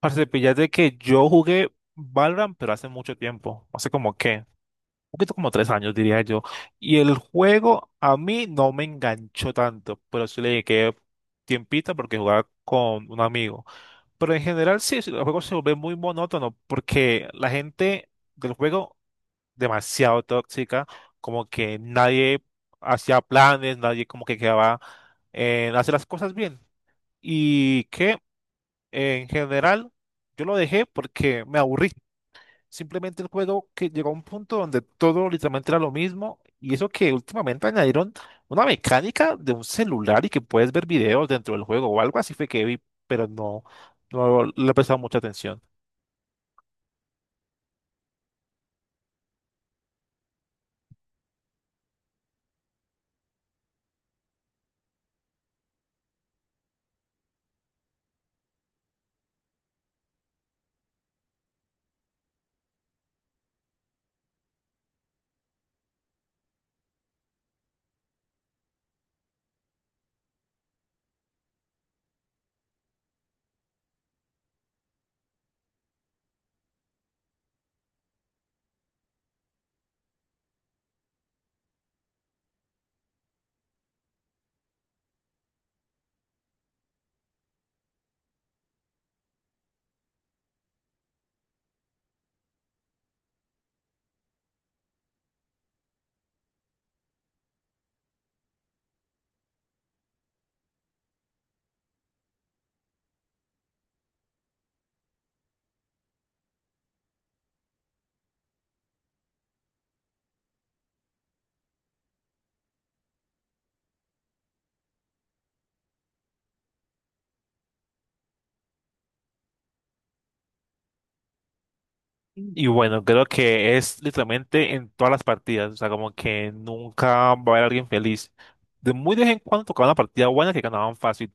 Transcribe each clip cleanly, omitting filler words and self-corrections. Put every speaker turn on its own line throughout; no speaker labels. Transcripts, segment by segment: Parce, píllate que yo jugué Valorant, pero hace mucho tiempo, hace un poquito como 3 años diría yo, y el juego a mí no me enganchó tanto, pero sí le dediqué tiempita porque jugaba con un amigo. Pero en general sí, sí, el juego se vuelve muy monótono porque la gente del juego demasiado tóxica, como que nadie hacía planes, nadie como que quedaba en hacer las cosas bien. ¿Y qué? En general, yo lo dejé porque me aburrí. Simplemente el juego que llegó a un punto donde todo literalmente era lo mismo. Y eso que últimamente añadieron una mecánica de un celular y que puedes ver videos dentro del juego o algo así fue que vi, pero no, no le he prestado mucha atención. Y bueno, creo que es literalmente en todas las partidas, o sea, como que nunca va a haber alguien feliz. De muy de vez en cuando tocaba una partida buena que ganaban fácil,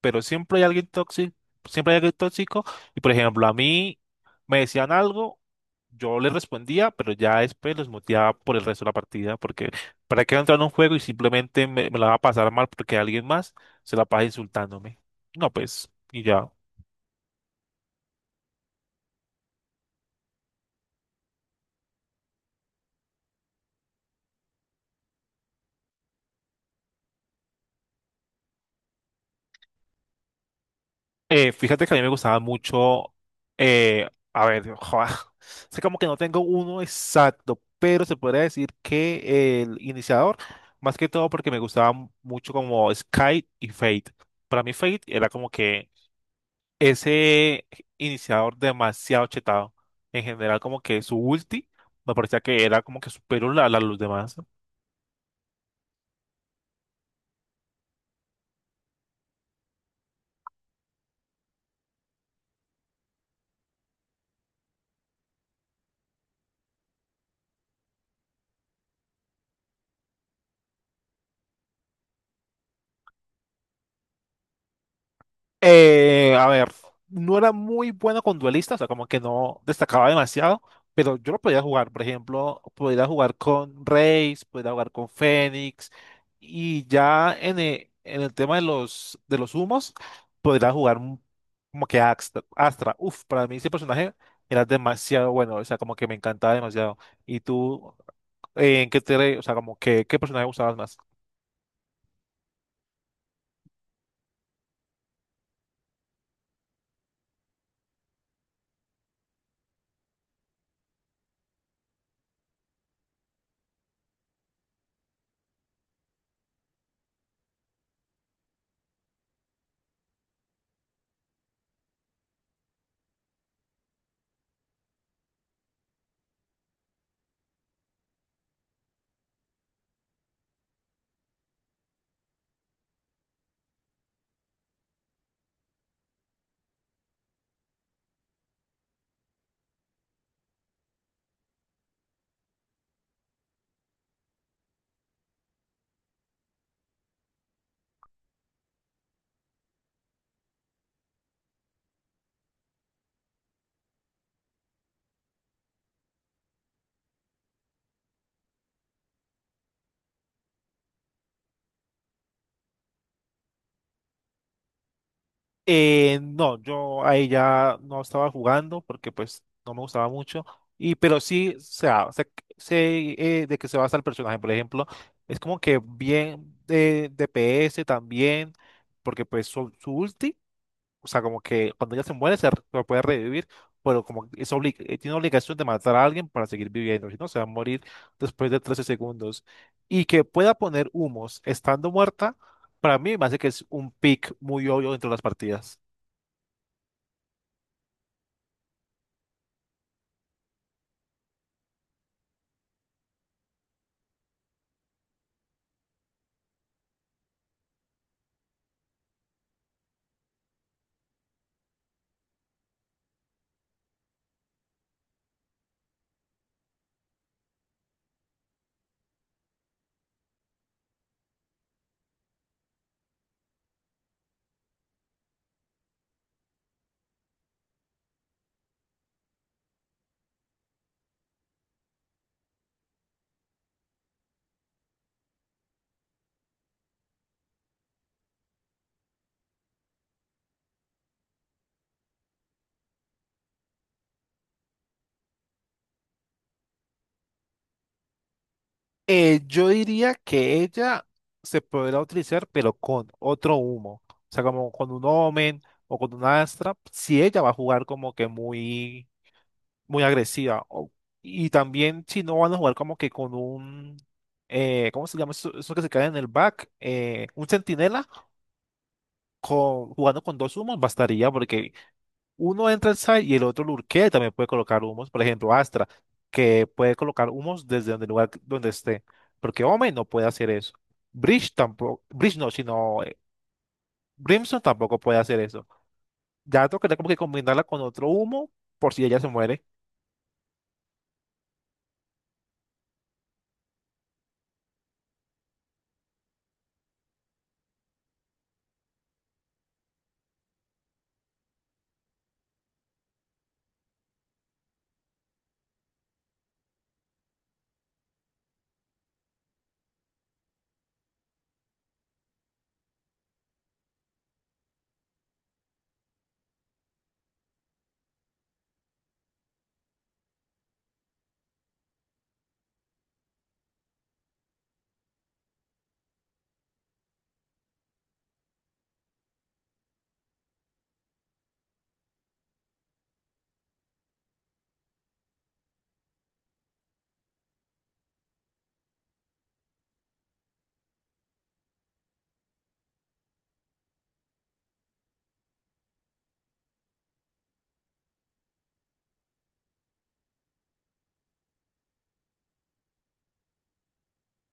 pero siempre hay alguien tóxico, siempre hay alguien tóxico. Y por ejemplo, a mí me decían algo, yo les respondía, pero ya después los muteaba por el resto de la partida, porque para qué entrar en un juego y simplemente me la va a pasar mal porque alguien más se la pasa insultándome. No, pues, y ya. Fíjate que a mí me gustaba mucho, a ver, joa, sé como que no tengo uno exacto, pero se podría decir que el iniciador, más que todo porque me gustaba mucho como Sky y Fate. Para mí Fate era como que ese iniciador demasiado chetado. En general como que su ulti me parecía que era como que superior a, a los demás. A ver, no era muy bueno con duelistas, o sea, como que no destacaba demasiado, pero yo lo podía jugar, por ejemplo, podía jugar con Raze, podía jugar con Fénix, y ya en el tema de los humos, podía jugar un- como que Astra, Astra. Uf, para mí ese personaje era demasiado bueno, o sea, como que me encantaba demasiado. ¿Y tú, en qué te, o sea, como que, qué personaje usabas más? No, yo ahí ya no estaba jugando porque pues no me gustaba mucho. Y pero sí, o sea, sé, de qué se basa el personaje, por ejemplo. Es como que bien de DPS también, porque pues su ulti, o sea, como que cuando ella se muere se puede revivir, pero como que es tiene obligación de matar a alguien para seguir viviendo, si no se va a morir después de 13 segundos. Y que pueda poner humos estando muerta, para mí me hace que es un pick muy obvio dentro de las partidas. Yo diría que ella se podrá utilizar, pero con otro humo. O sea, como con un Omen o con una Astra, si ella va a jugar como que muy, muy agresiva. Y también si no van a jugar como que con un, ¿cómo se llama eso, eso que se cae en el back? Un centinela con, jugando con 2 humos bastaría porque uno entra al site y el otro lurkea y también puede colocar humos. Por ejemplo, Astra, que puede colocar humos desde donde el lugar donde esté. Porque Omen no puede hacer eso. Breach tampoco. Breach no, sino, Brimstone tampoco puede hacer eso. Ya tocaría como que combinarla con otro humo por si ella se muere.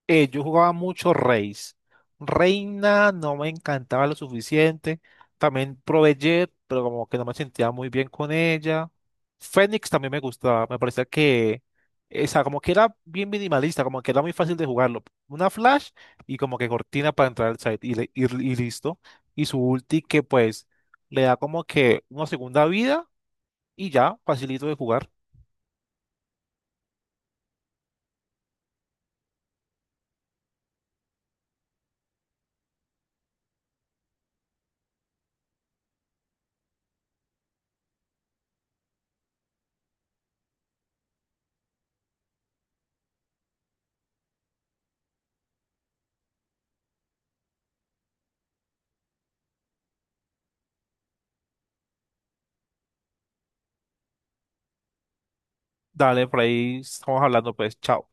Yo jugaba mucho Reis. Reina no me encantaba lo suficiente. También probé Jet, pero como que no me sentía muy bien con ella. Fénix también me gustaba. Me parecía que, o sea, como que era bien minimalista, como que era muy fácil de jugarlo. Una flash y como que cortina para entrar al site y, y listo. Y su ulti que pues le da como que una segunda vida y ya, facilito de jugar. Dale, por ahí estamos hablando pues, chao.